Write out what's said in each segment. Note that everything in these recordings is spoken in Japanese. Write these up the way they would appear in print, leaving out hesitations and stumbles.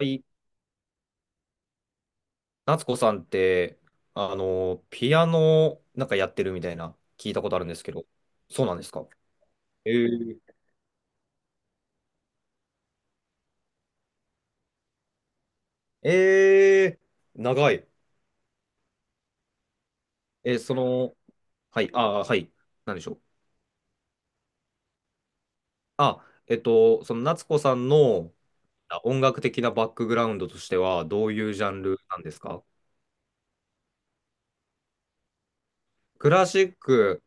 り、夏子さんって、ピアノなんかやってるみたいな聞いたことあるんですけど、そうなんですか？えー、えー、長い。えーその、はい、あーはい、なんでしょう。その夏子さんの音楽的なバックグラウンドとしては、どういうジャンルなんですか？クラシック。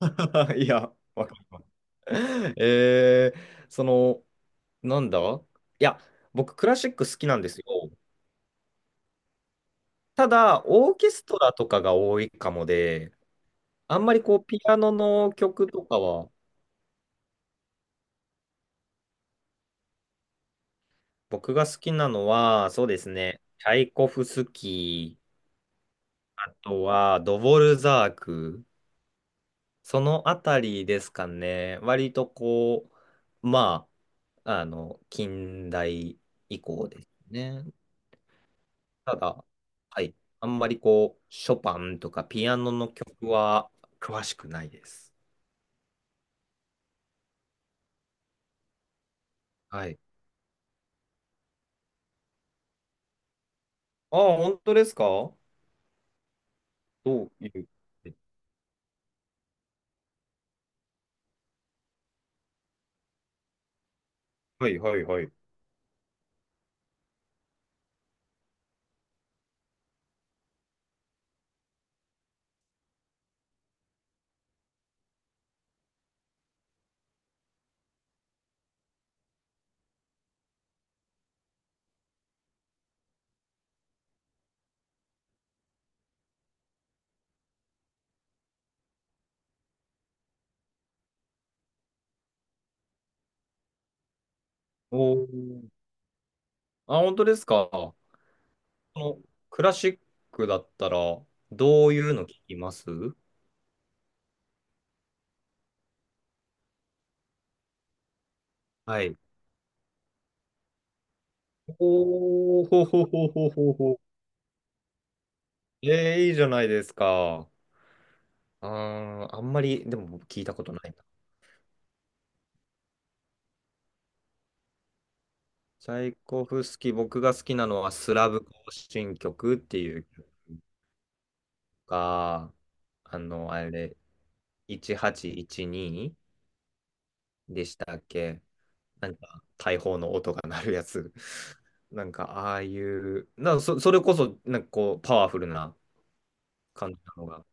いや、わかんえー、その、なんだいや、僕、クラシック好きなんですよ。ただ、オーケストラとかが多いかもで、あんまりこう、ピアノの曲とかは、僕が好きなのは、そうですね、チャイコフスキー、あとはドボルザーク、そのあたりですかね、割とこう、近代以降ですね。ただ、はい、あんまりこう、ショパンとかピアノの曲は詳しくないです。はい。ああ、本当ですか？どういう。はいはいはい。おー。あ、本当ですか。このクラシックだったら、どういうの聞きます？はい。おー、ほほほほほほ。えー、いいじゃないですか。あー、あんまり、でも僕聞いたことないな。チャイコフスキー、僕が好きなのはスラブ行進曲っていう曲か、あの、あれ、1812でしたっけ？なんか大砲の音が鳴るやつ。なんかああいう、それこそなんかこうパワフルな感じなのが好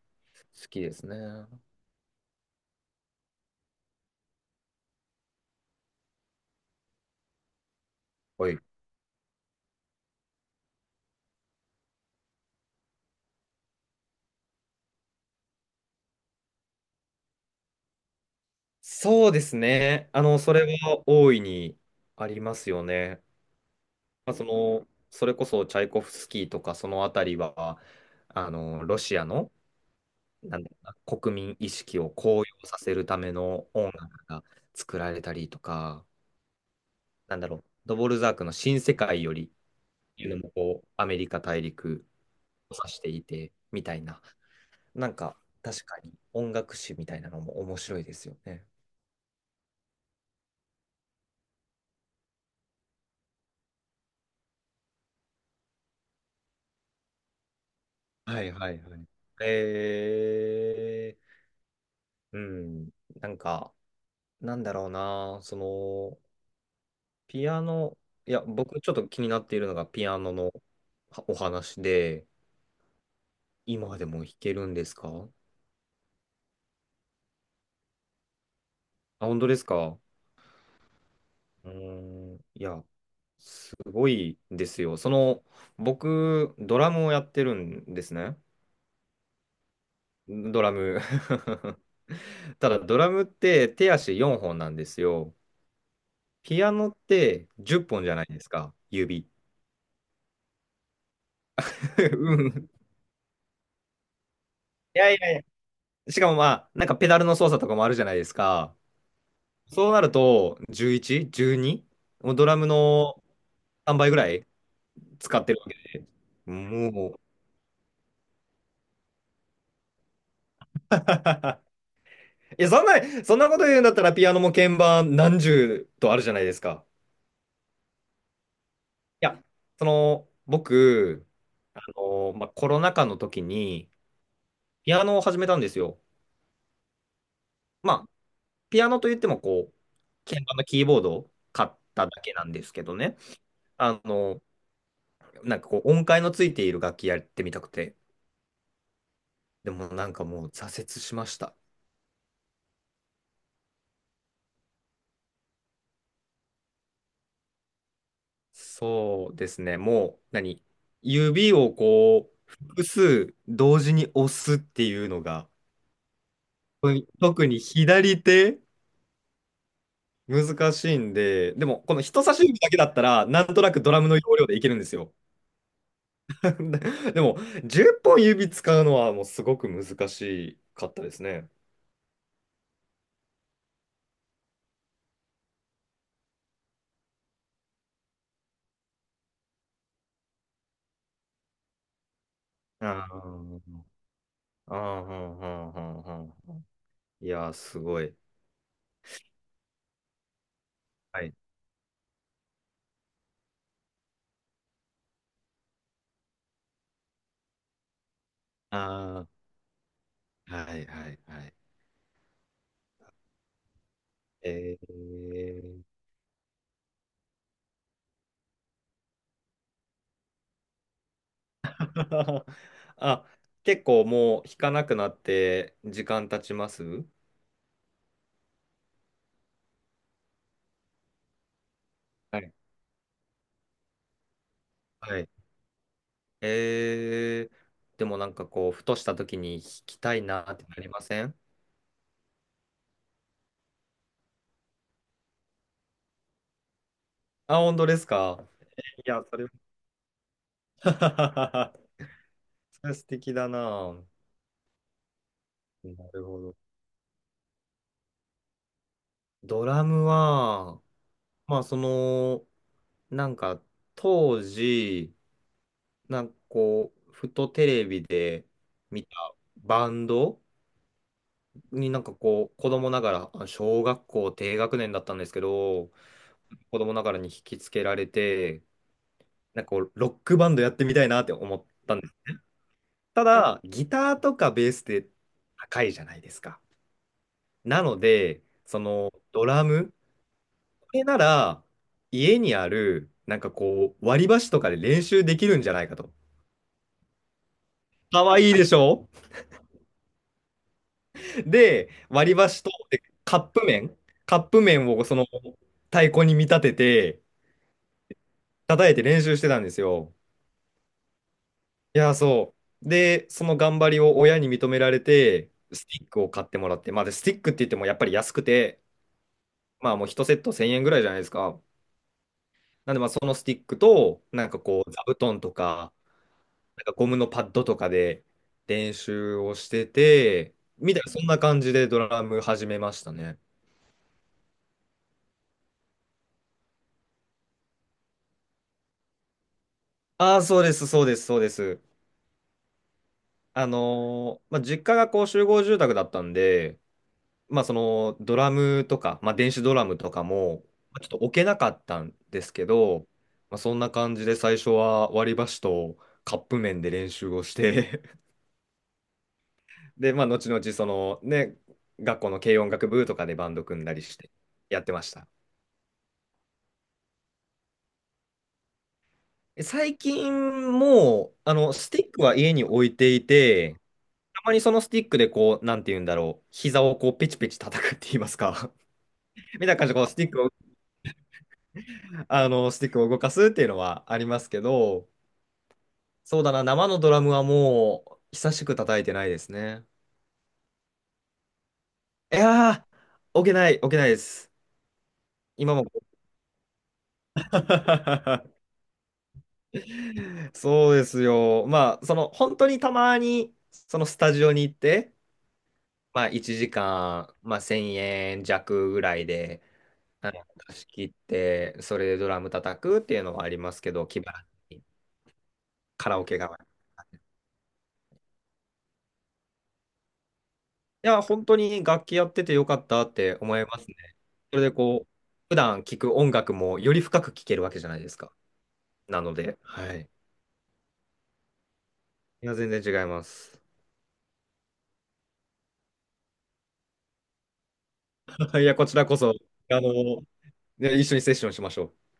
きですね。はい。そうですね。それは大いにありますよね。まあ、その、それこそチャイコフスキーとかそのあたりは、ロシアの、なんだろうな、国民意識を高揚させるための音楽が作られたりとか、なんだろう、ドボルザークの新世界よりいうのもこうアメリカ大陸を指していてみたいな、なんか確かに音楽史みたいなのも面白いですよね。はいはいはい。えー、うん、なんか、なんだろうな、その、ピアノ、いや、僕ちょっと気になっているのがピアノのはお話で、今でも弾けるんですか？あ、本当ですか？うーん、いや、すごいですよ。その、僕、ドラムをやってるんですね。ドラム ただドラムって手足4本なんですよ。ピアノって10本じゃないですか、指。うん。いやいやいや。しかもまあ、なんかペダルの操作とかもあるじゃないですか。そうなると、11、12？ もうドラムの3倍ぐらい使ってるわけ。もう。いや、そんなこと言うんだったらピアノも鍵盤何十とあるじゃないですか。いや、その、僕、まあ、コロナ禍の時に、ピアノを始めたんですよ。まあ、ピアノといっても、こう、鍵盤のキーボードを買っただけなんですけどね。あの、なんかこう、音階のついている楽器やってみたくて。でもなんかもう挫折しました。そうですね。もう、何指をこう、複数同時に押すっていうのが、特に左手、難しいんで、でも、この人差し指だけだったら、なんとなくドラムの要領でいけるんですよ。でも、10本指使うのはもうすごく難しかったですね。ああ、ああ、ああ、いやー、すごい。はい。ああ、はい、はい、はい。えー、あ、結構もう弾かなくなって時間経ちます？はいはい。えー、でもなんかこう、ふとした時に弾きたいなってなりません？あ、本当ですか？いや、それは。それは素敵だな。なるほど。ドラムは、まあその、なんか当時、なんかこう、ふとテレビで見たバンドになんかこう、子供ながら、小学校低学年だったんですけど、子供ながらに引きつけられて、なんかこう、ロックバンドやってみたいなって思ったんです。ただ、ギターとかベースって高いじゃないですか。なので、そのドラム、れなら、家にある、なんかこう、割り箸とかで練習できるんじゃないかと。かわいいでしょ？で、割り箸と、で、カップ麺をその太鼓に見立てて、叩いて練習してたんですよ。いや、そう。で、その頑張りを親に認められて、スティックを買ってもらって、まあ、で、スティックって言ってもやっぱり安くて、まあもう1セット1000円ぐらいじゃないですか。なんでまあそのスティックと、なんかこう、座布団とか、なんかゴムのパッドとかで練習をしてて、みたいな、そんな感じでドラム始めましたね。ああ、そうです、そうです、そうです。まあ、実家がこう集合住宅だったんで、まあ、そのドラムとか、まあ、電子ドラムとかも、まあちょっと置けなかったんですけど、まあ、そんな感じで最初は割り箸とカップ麺で練習をして で、まあ、後々そのね、学校の軽音楽部とかでバンド組んだりしてやってました。最近もう、スティックは家に置いていて、たまにそのスティックでこう、なんて言うんだろう、膝をこう、ペチペチ叩くって言いますか。みたいな感じで、こう、スティックを動かすっていうのはありますけど、そうだな、生のドラムはもう、久しく叩いてないですね。いやー、置けない、置けないです。今も。そうですよ。まあ、その、本当にたまに、そのスタジオに行って、まあ、1時間、まあ、1000円弱ぐらいで、貸し切って、それでドラム叩くっていうのはありますけど、気晴らしにカラオケが。いや、本当に楽器やっててよかったって思いますね。それでこう、普段聴く音楽もより深く聴けるわけじゃないですか。なので、はい。いや、全然違います。いや、こちらこそ、あの、ね一緒にセッションしましょう。